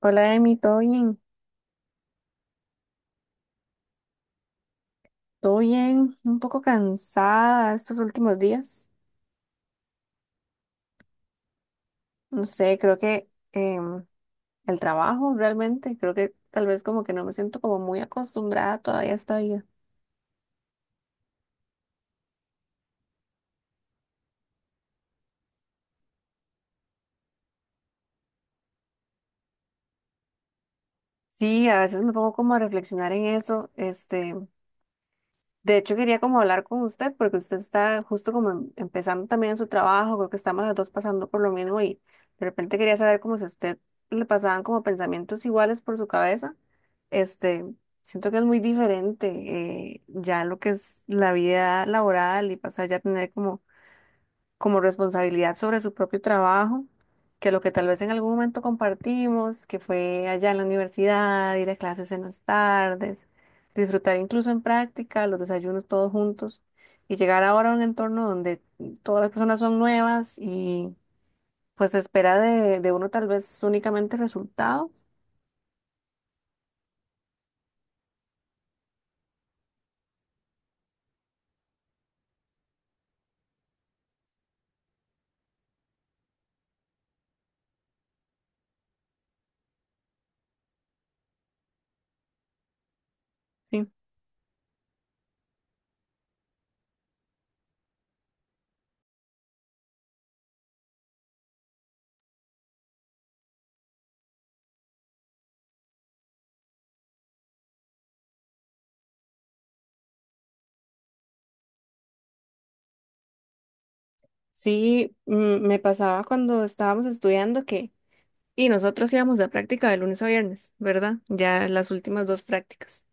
Hola, Emi, ¿todo bien? ¿Todo bien? Un poco cansada estos últimos días. No sé, creo que el trabajo realmente, creo que tal vez como que no me siento como muy acostumbrada todavía a esta vida. Sí, a veces me pongo como a reflexionar en eso, este. De hecho, quería como hablar con usted porque usted está justo como empezando también su trabajo, creo que estamos las dos pasando por lo mismo y de repente quería saber como si a usted le pasaban como pensamientos iguales por su cabeza. Este, siento que es muy diferente ya lo que es la vida laboral y pasar ya a tener como responsabilidad sobre su propio trabajo, que lo que tal vez en algún momento compartimos, que fue allá en la universidad, ir a clases en las tardes, disfrutar incluso en práctica, los desayunos todos juntos, y llegar ahora a un entorno donde todas las personas son nuevas y pues se espera de uno tal vez únicamente resultado. Sí, sí, mm, me pasaba cuando estábamos estudiando que... Y nosotros íbamos a práctica de lunes a viernes, ¿verdad? Ya las últimas dos prácticas.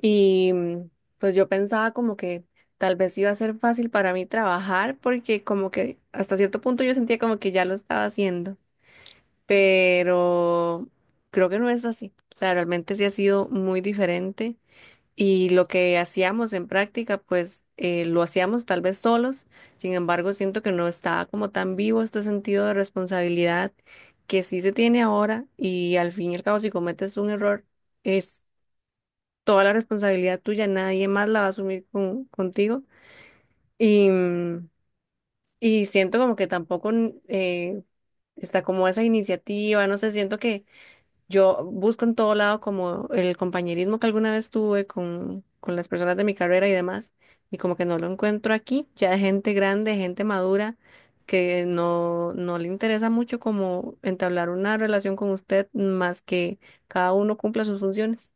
Y pues yo pensaba como que tal vez iba a ser fácil para mí trabajar porque como que hasta cierto punto yo sentía como que ya lo estaba haciendo, pero creo que no es así. O sea, realmente sí ha sido muy diferente y lo que hacíamos en práctica pues lo hacíamos tal vez solos, sin embargo siento que no estaba como tan vivo este sentido de responsabilidad que sí se tiene ahora y al fin y al cabo si cometes un error toda la responsabilidad tuya, nadie más la va a asumir contigo. Y, mm, y siento como que tampoco está como esa iniciativa, no sé, siento que yo busco en todo lado como el compañerismo que alguna vez tuve con las personas de mi carrera y demás, y como que no lo encuentro aquí, ya gente grande, gente madura, que no, no le interesa mucho como entablar una relación con usted más que cada uno cumpla sus funciones.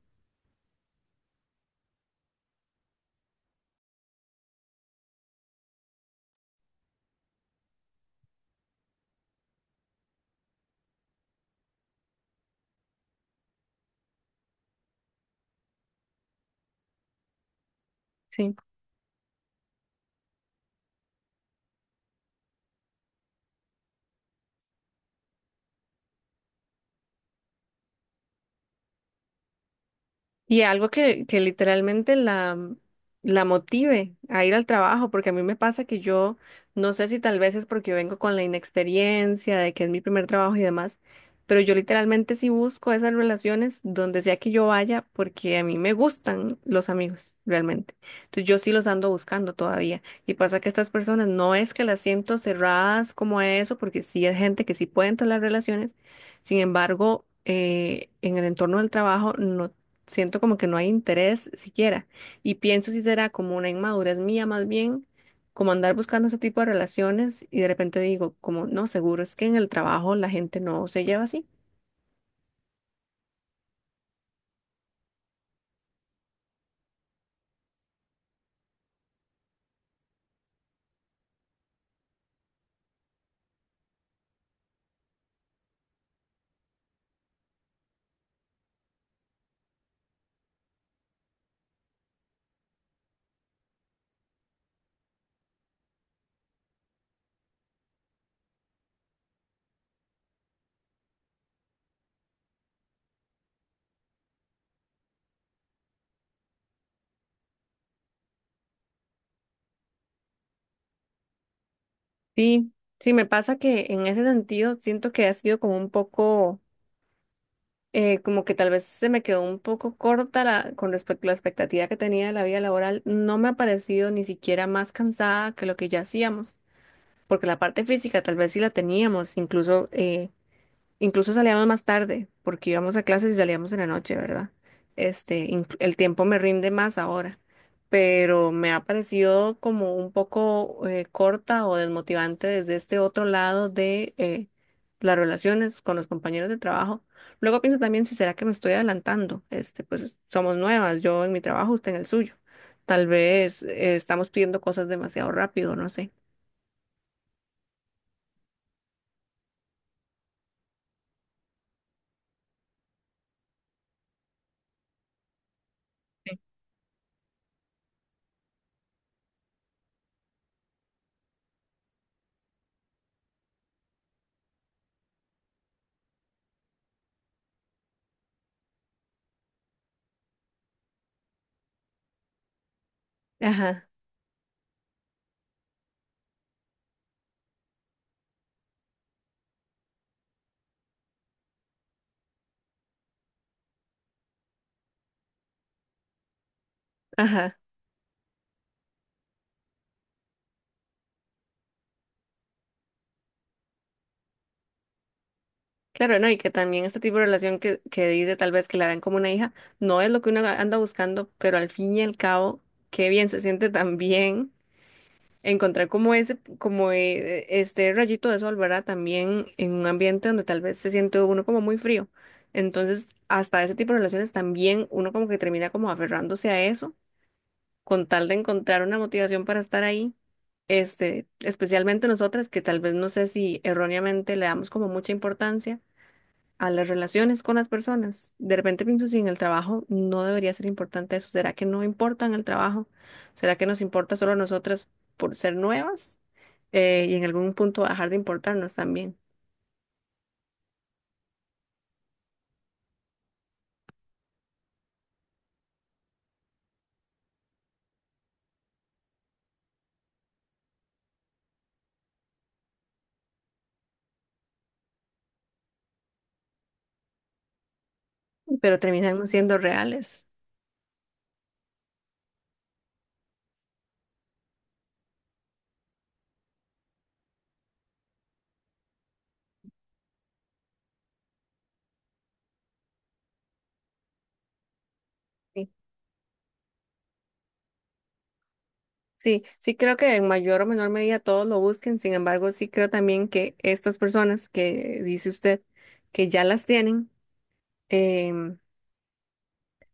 Sí. Y algo que literalmente la motive a ir al trabajo, porque a mí me pasa que yo no sé si tal vez es porque yo vengo con la inexperiencia de que es mi primer trabajo y demás, pero yo literalmente sí busco esas relaciones donde sea que yo vaya, porque a mí me gustan los amigos, realmente. Entonces yo sí los ando buscando todavía. Y pasa que estas personas no es que las siento cerradas como eso, porque sí es gente que sí pueden tolerar relaciones, sin embargo en el entorno del trabajo no siento como que no hay interés siquiera. Y pienso si será como una inmadurez mía más bien, como andar buscando ese tipo de relaciones y de repente digo, como no, seguro es que en el trabajo la gente no se lleva así. Sí, sí, me pasa que en ese sentido siento que ha sido como un poco, como que tal vez se me quedó un poco corta la, con respecto a la expectativa que tenía de la vida laboral. No me ha parecido ni siquiera más cansada que lo que ya hacíamos, porque la parte física tal vez sí la teníamos, incluso incluso salíamos más tarde, porque íbamos a clases y salíamos en la noche, ¿verdad? Este, el tiempo me rinde más ahora, pero me ha parecido como un poco corta o desmotivante desde este otro lado de las relaciones con los compañeros de trabajo. Luego pienso también si será que me estoy adelantando. Este, pues somos nuevas, yo en mi trabajo, usted en el suyo. Tal vez estamos pidiendo cosas demasiado rápido, no sé. Ajá, ajá. Claro, no, y que también este tipo de relación que dice tal vez que la ven como una hija, no es lo que uno anda buscando, pero al fin y al cabo, qué bien se siente también encontrar como ese, como este rayito de sol, ¿verdad? También en un ambiente donde tal vez se siente uno como muy frío. Entonces, hasta ese tipo de relaciones también uno como que termina como aferrándose a eso, con tal de encontrar una motivación para estar ahí. Este, especialmente nosotras que tal vez no sé si erróneamente le damos como mucha importancia a las relaciones con las personas. De repente pienso si en el trabajo no debería ser importante eso. ¿Será que no importa en el trabajo? ¿Será que nos importa solo a nosotras por ser nuevas? Y en algún punto dejar de importarnos también. Pero terminamos siendo reales. Sí, sí, sí creo que en mayor o menor medida todos lo busquen. Sin embargo, sí creo también que estas personas que dice usted que ya las tienen, em,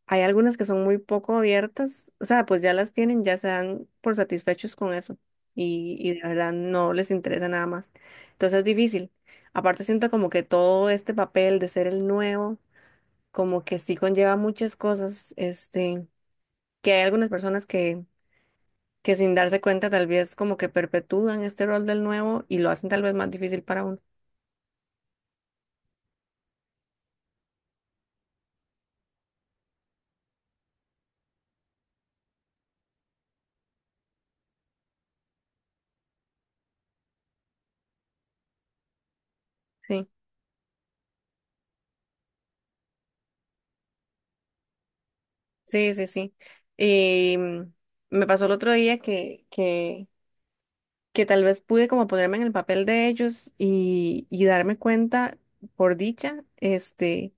hay algunas que son muy poco abiertas, o sea, pues ya las tienen, ya se dan por satisfechos con eso y de verdad no les interesa nada más. Entonces es difícil. Aparte siento como que todo este papel de ser el nuevo, como que sí conlleva muchas cosas, este, que hay algunas personas que sin darse cuenta tal vez como que perpetúan este rol del nuevo y lo hacen tal vez más difícil para uno. Sí, sí, sí, sí. Y mm, me pasó el otro día que, que tal vez pude como ponerme en el papel de ellos y darme cuenta, por dicha, este,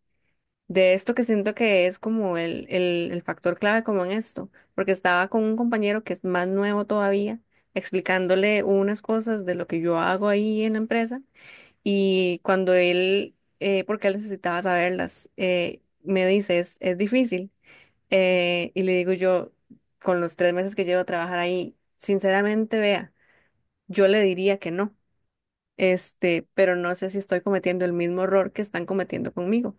de esto que siento que es como el factor clave como en esto, porque estaba con un compañero que es más nuevo todavía, explicándole unas cosas de lo que yo hago ahí en la empresa y cuando él, porque él necesitaba saberlas, me dice, es difícil, y le digo yo, con los 3 meses que llevo a trabajar ahí, sinceramente, vea, yo le diría que no, este, pero no sé si estoy cometiendo el mismo error que están cometiendo conmigo.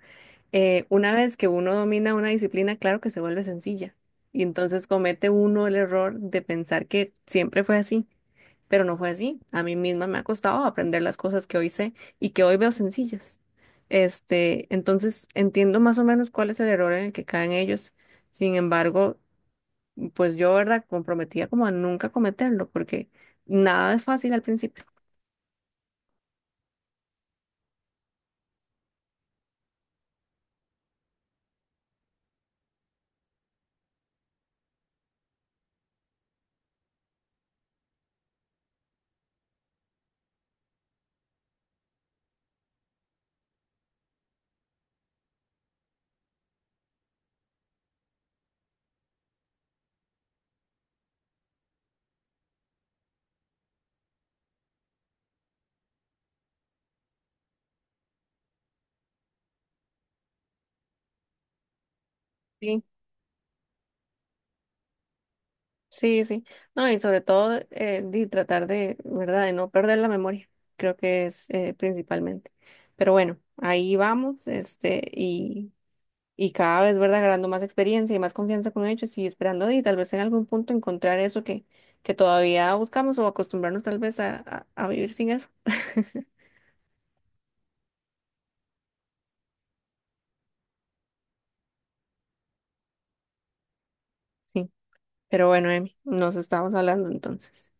Una vez que uno domina una disciplina, claro que se vuelve sencilla. Y entonces comete uno el error de pensar que siempre fue así, pero no fue así. A mí misma me ha costado aprender las cosas que hoy sé y que hoy veo sencillas. Este, entonces entiendo más o menos cuál es el error en el que caen ellos. Sin embargo, pues yo, ¿verdad? Comprometía como a nunca cometerlo, porque nada es fácil al principio. Sí. Sí, sí. No, y sobre todo de tratar de, ¿verdad? De no perder la memoria. Creo que es principalmente. Pero bueno, ahí vamos, este, y cada vez, ¿verdad? Ganando más experiencia y más confianza con ellos y esperando y tal vez en algún punto encontrar eso que todavía buscamos o acostumbrarnos tal vez a vivir sin eso. Sí. Pero bueno, Emi, nos estamos hablando entonces.